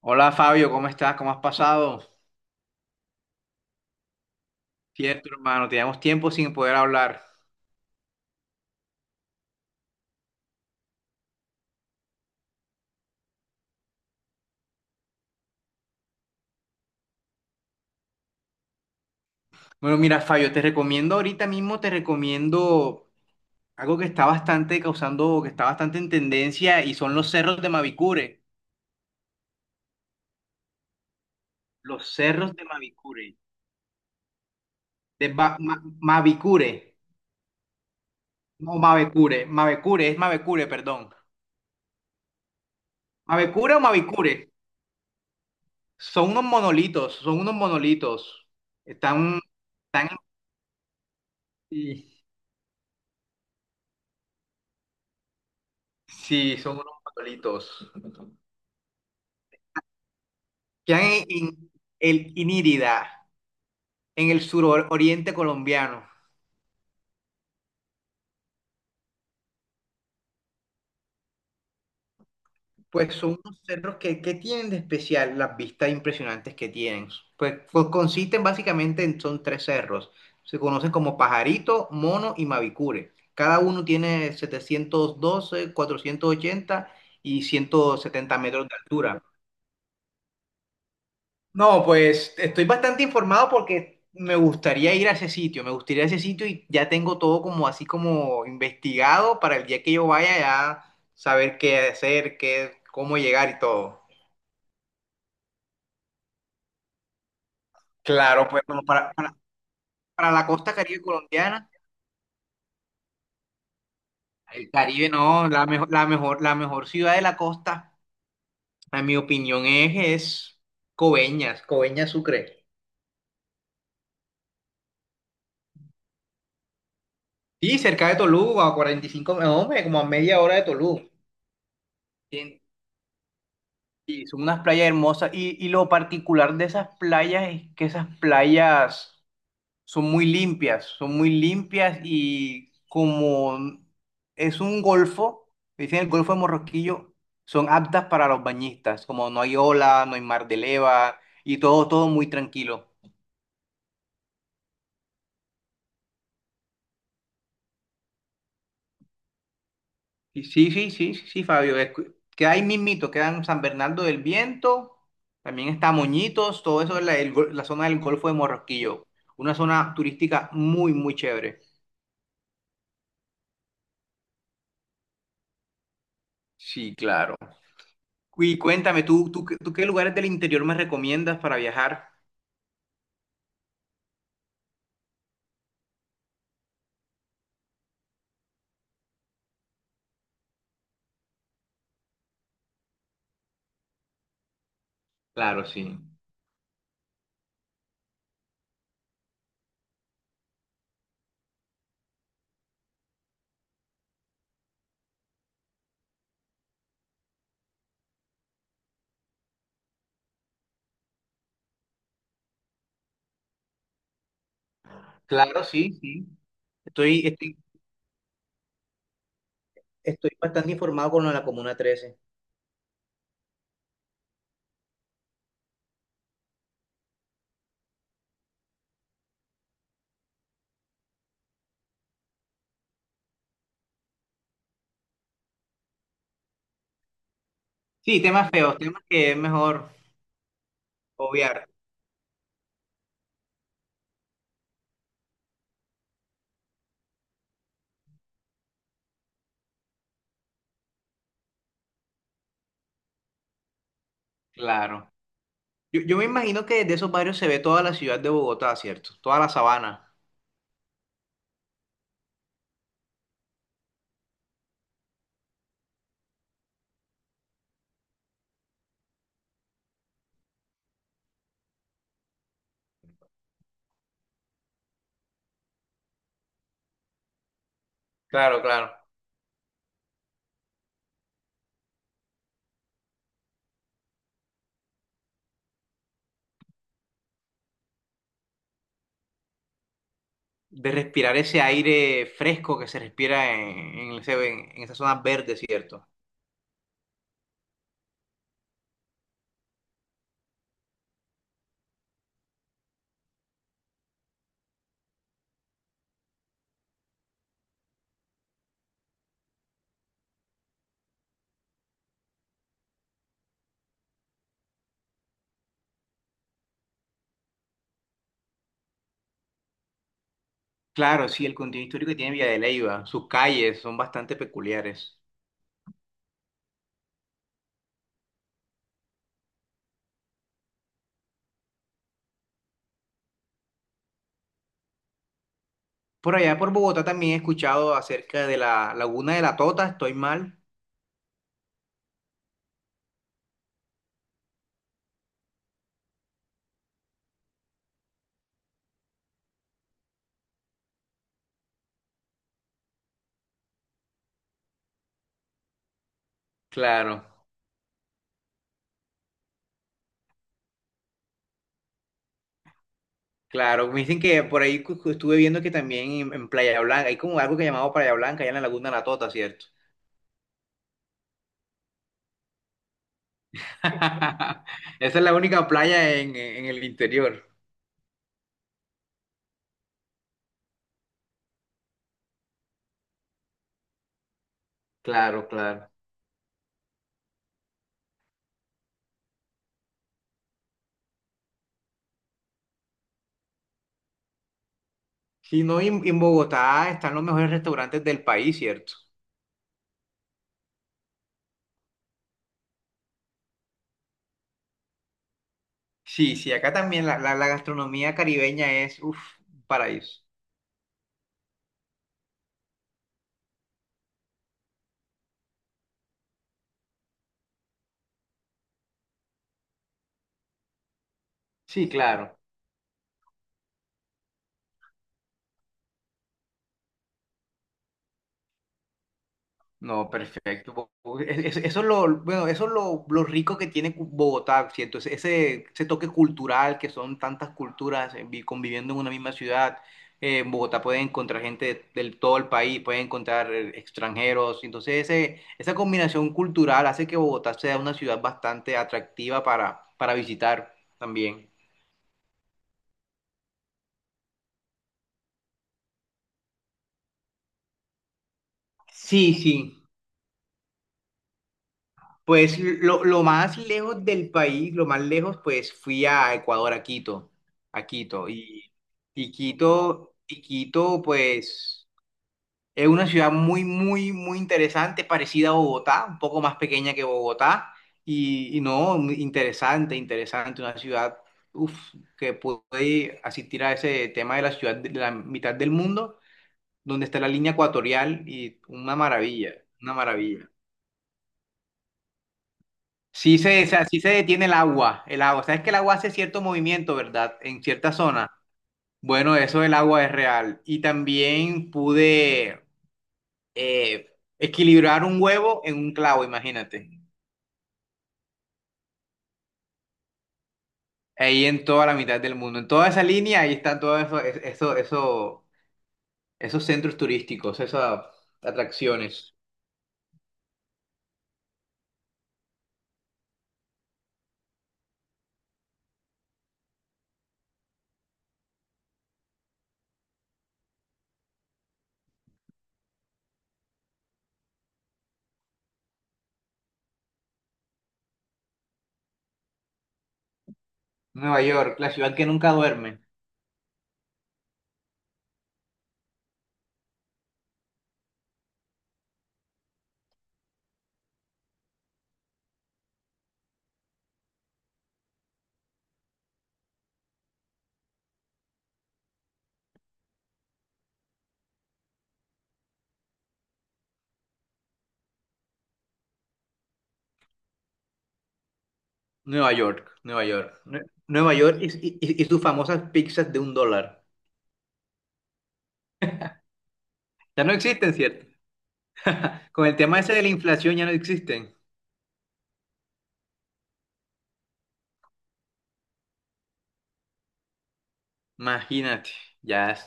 Hola Fabio, ¿cómo estás? ¿Cómo has pasado? Cierto, hermano, teníamos tiempo sin poder hablar. Bueno, mira, Fabio, te recomiendo ahorita mismo, te recomiendo algo que está bastante causando, que está bastante en tendencia y son los cerros de Mavicure. Los cerros de Mavicure. De Ba- Ma- Mavicure. No, Mavecure. Mavecure, es Mavecure, perdón. ¿Mavecure o Mavicure? Son unos monolitos, son unos monolitos. Están, están, sí, sí, son unos monolitos. Quedan en el Inírida, en el suroriente colombiano. Pues son unos cerros que tienen de especial las vistas impresionantes que tienen. Pues, consisten básicamente en, son tres cerros. Se conocen como Pajarito, Mono y Mavicure. Cada uno tiene 712 480 y 170 metros de altura. No, pues estoy bastante informado porque me gustaría ir a ese sitio, me gustaría ir a ese sitio y ya tengo todo como así como investigado para el día que yo vaya ya saber qué hacer, qué, cómo llegar y todo. Claro, pues bueno, para la costa Caribe colombiana, el Caribe no, la mejor ciudad de la costa, en mi opinión es Coveñas, Coveñas Sucre. Sí, cerca de Tolú, a 45, no, hombre, como a media hora de Tolú. Y son unas playas hermosas. Y lo particular de esas playas es que esas playas son muy limpias y como es un golfo, dicen el Golfo de Morroquillo, son aptas para los bañistas, como no hay ola, no hay mar de leva y todo muy tranquilo. Y sí, sí, sí, sí, sí, Fabio. Queda ahí mismito, quedan San Bernardo del Viento, también está Moñitos, todo eso es la zona del Golfo de Morroquillo. Una zona turística muy, muy chévere. Sí, claro. Y cuéntame, ¿tú qué lugares del interior me recomiendas para viajar? Claro, sí. Claro, sí, sí. Estoy, estoy, estoy bastante informado con lo de la Comuna 13. Sí, temas feos, temas que es mejor obviar. Claro. Yo me imagino que desde esos barrios se ve toda la ciudad de Bogotá, ¿cierto? Toda la sabana. Claro, claro. De respirar ese aire fresco que se respira en esas zonas verdes, ¿cierto? Claro, sí, el contenido histórico que tiene Villa de Leyva, sus calles son bastante peculiares. Por allá por Bogotá también he escuchado acerca de la Laguna de la Tota, estoy mal. Claro, claro. Me dicen que por ahí estuve viendo que también en Playa Blanca, hay como algo que llamado Playa Blanca, allá en la Laguna de la Tota, ¿cierto? Esa es la única playa en el interior. Claro, claro. Si no, y en Bogotá están los mejores restaurantes del país, ¿cierto? Sí, sí, acá también la gastronomía caribeña es, uff, paraíso. Sí, claro. No, perfecto. Bueno, eso es lo rico que tiene Bogotá, ¿cierto? Ese toque cultural que son tantas culturas conviviendo en una misma ciudad. En Bogotá pueden encontrar gente del todo el país, pueden encontrar extranjeros. Entonces, esa combinación cultural hace que Bogotá sea una ciudad bastante atractiva para visitar también. Sí, sí. Pues lo más lejos del país, lo más lejos, pues fui a Ecuador, a Quito. Y Quito, pues es una ciudad muy, muy, muy interesante, parecida a Bogotá, un poco más pequeña que Bogotá. Y no, muy interesante, interesante, una ciudad, uf, que pude asistir a ese tema de la ciudad de la mitad del mundo, donde está la línea ecuatorial y una maravilla, una maravilla. O sea, sí se detiene el agua, el agua. Sabes que el agua hace cierto movimiento, ¿verdad? En cierta zona. Bueno, eso del agua es real. Y también pude eh, equilibrar un huevo en un clavo, imagínate. Ahí en toda la mitad del mundo. En toda esa línea, ahí están todos esos centros turísticos, esas atracciones. Nueva York, la ciudad que nunca duerme. Nueva York, Nueva York. Nueva York y sus famosas pizzas de $1. Ya no existen, ¿cierto? Con el tema ese de la inflación ya no existen. Imagínate, ya es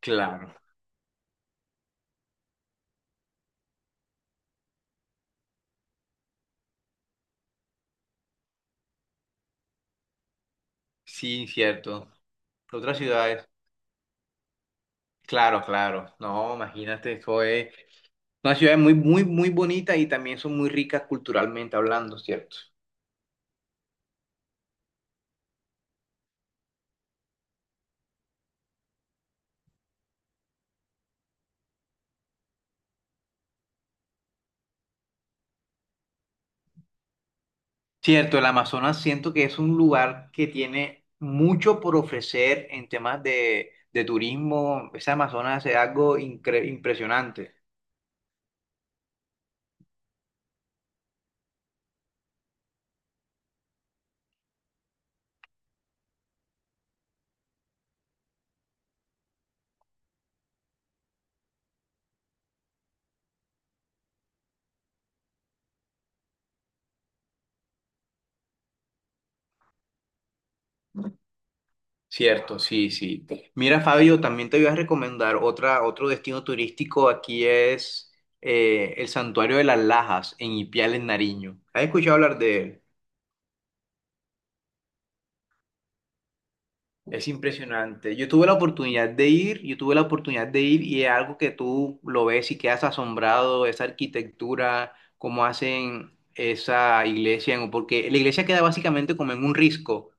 claro. Sí, cierto. Otras ciudades, claro, claro. No, imagínate, eso es una ciudad muy, muy, muy bonita y también son muy ricas culturalmente hablando, ¿cierto? Cierto, el Amazonas siento que es un lugar que tiene mucho por ofrecer en temas de turismo. Ese Amazonas es algo impresionante. Cierto, sí, sí. Mira, Fabio, también te voy a recomendar otro destino turístico aquí es el Santuario de las Lajas en Ipiales, en Nariño. ¿Has escuchado hablar de él? Es impresionante. Yo tuve la oportunidad de ir y es algo que tú lo ves y quedas asombrado, esa arquitectura, cómo hacen esa iglesia, porque la iglesia queda básicamente como en un risco.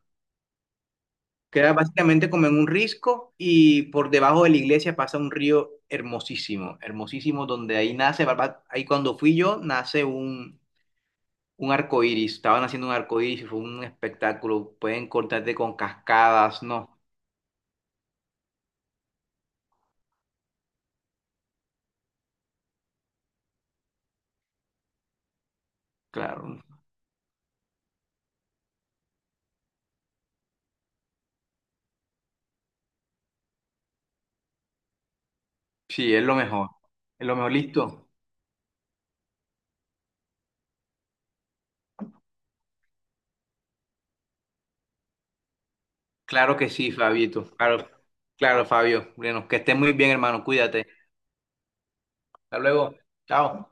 Queda básicamente como en un risco y por debajo de la iglesia pasa un río hermosísimo, hermosísimo, donde ahí nace, ahí cuando fui yo, nace un arco iris. Estaban haciendo un arco iris y fue un espectáculo. Pueden cortarte con cascadas, no, claro. Sí, es lo mejor. Es lo mejor, listo. Claro que sí, Fabito. Claro, claro, Fabio. Bueno, que estés muy bien, hermano. Cuídate. Hasta luego. Chao.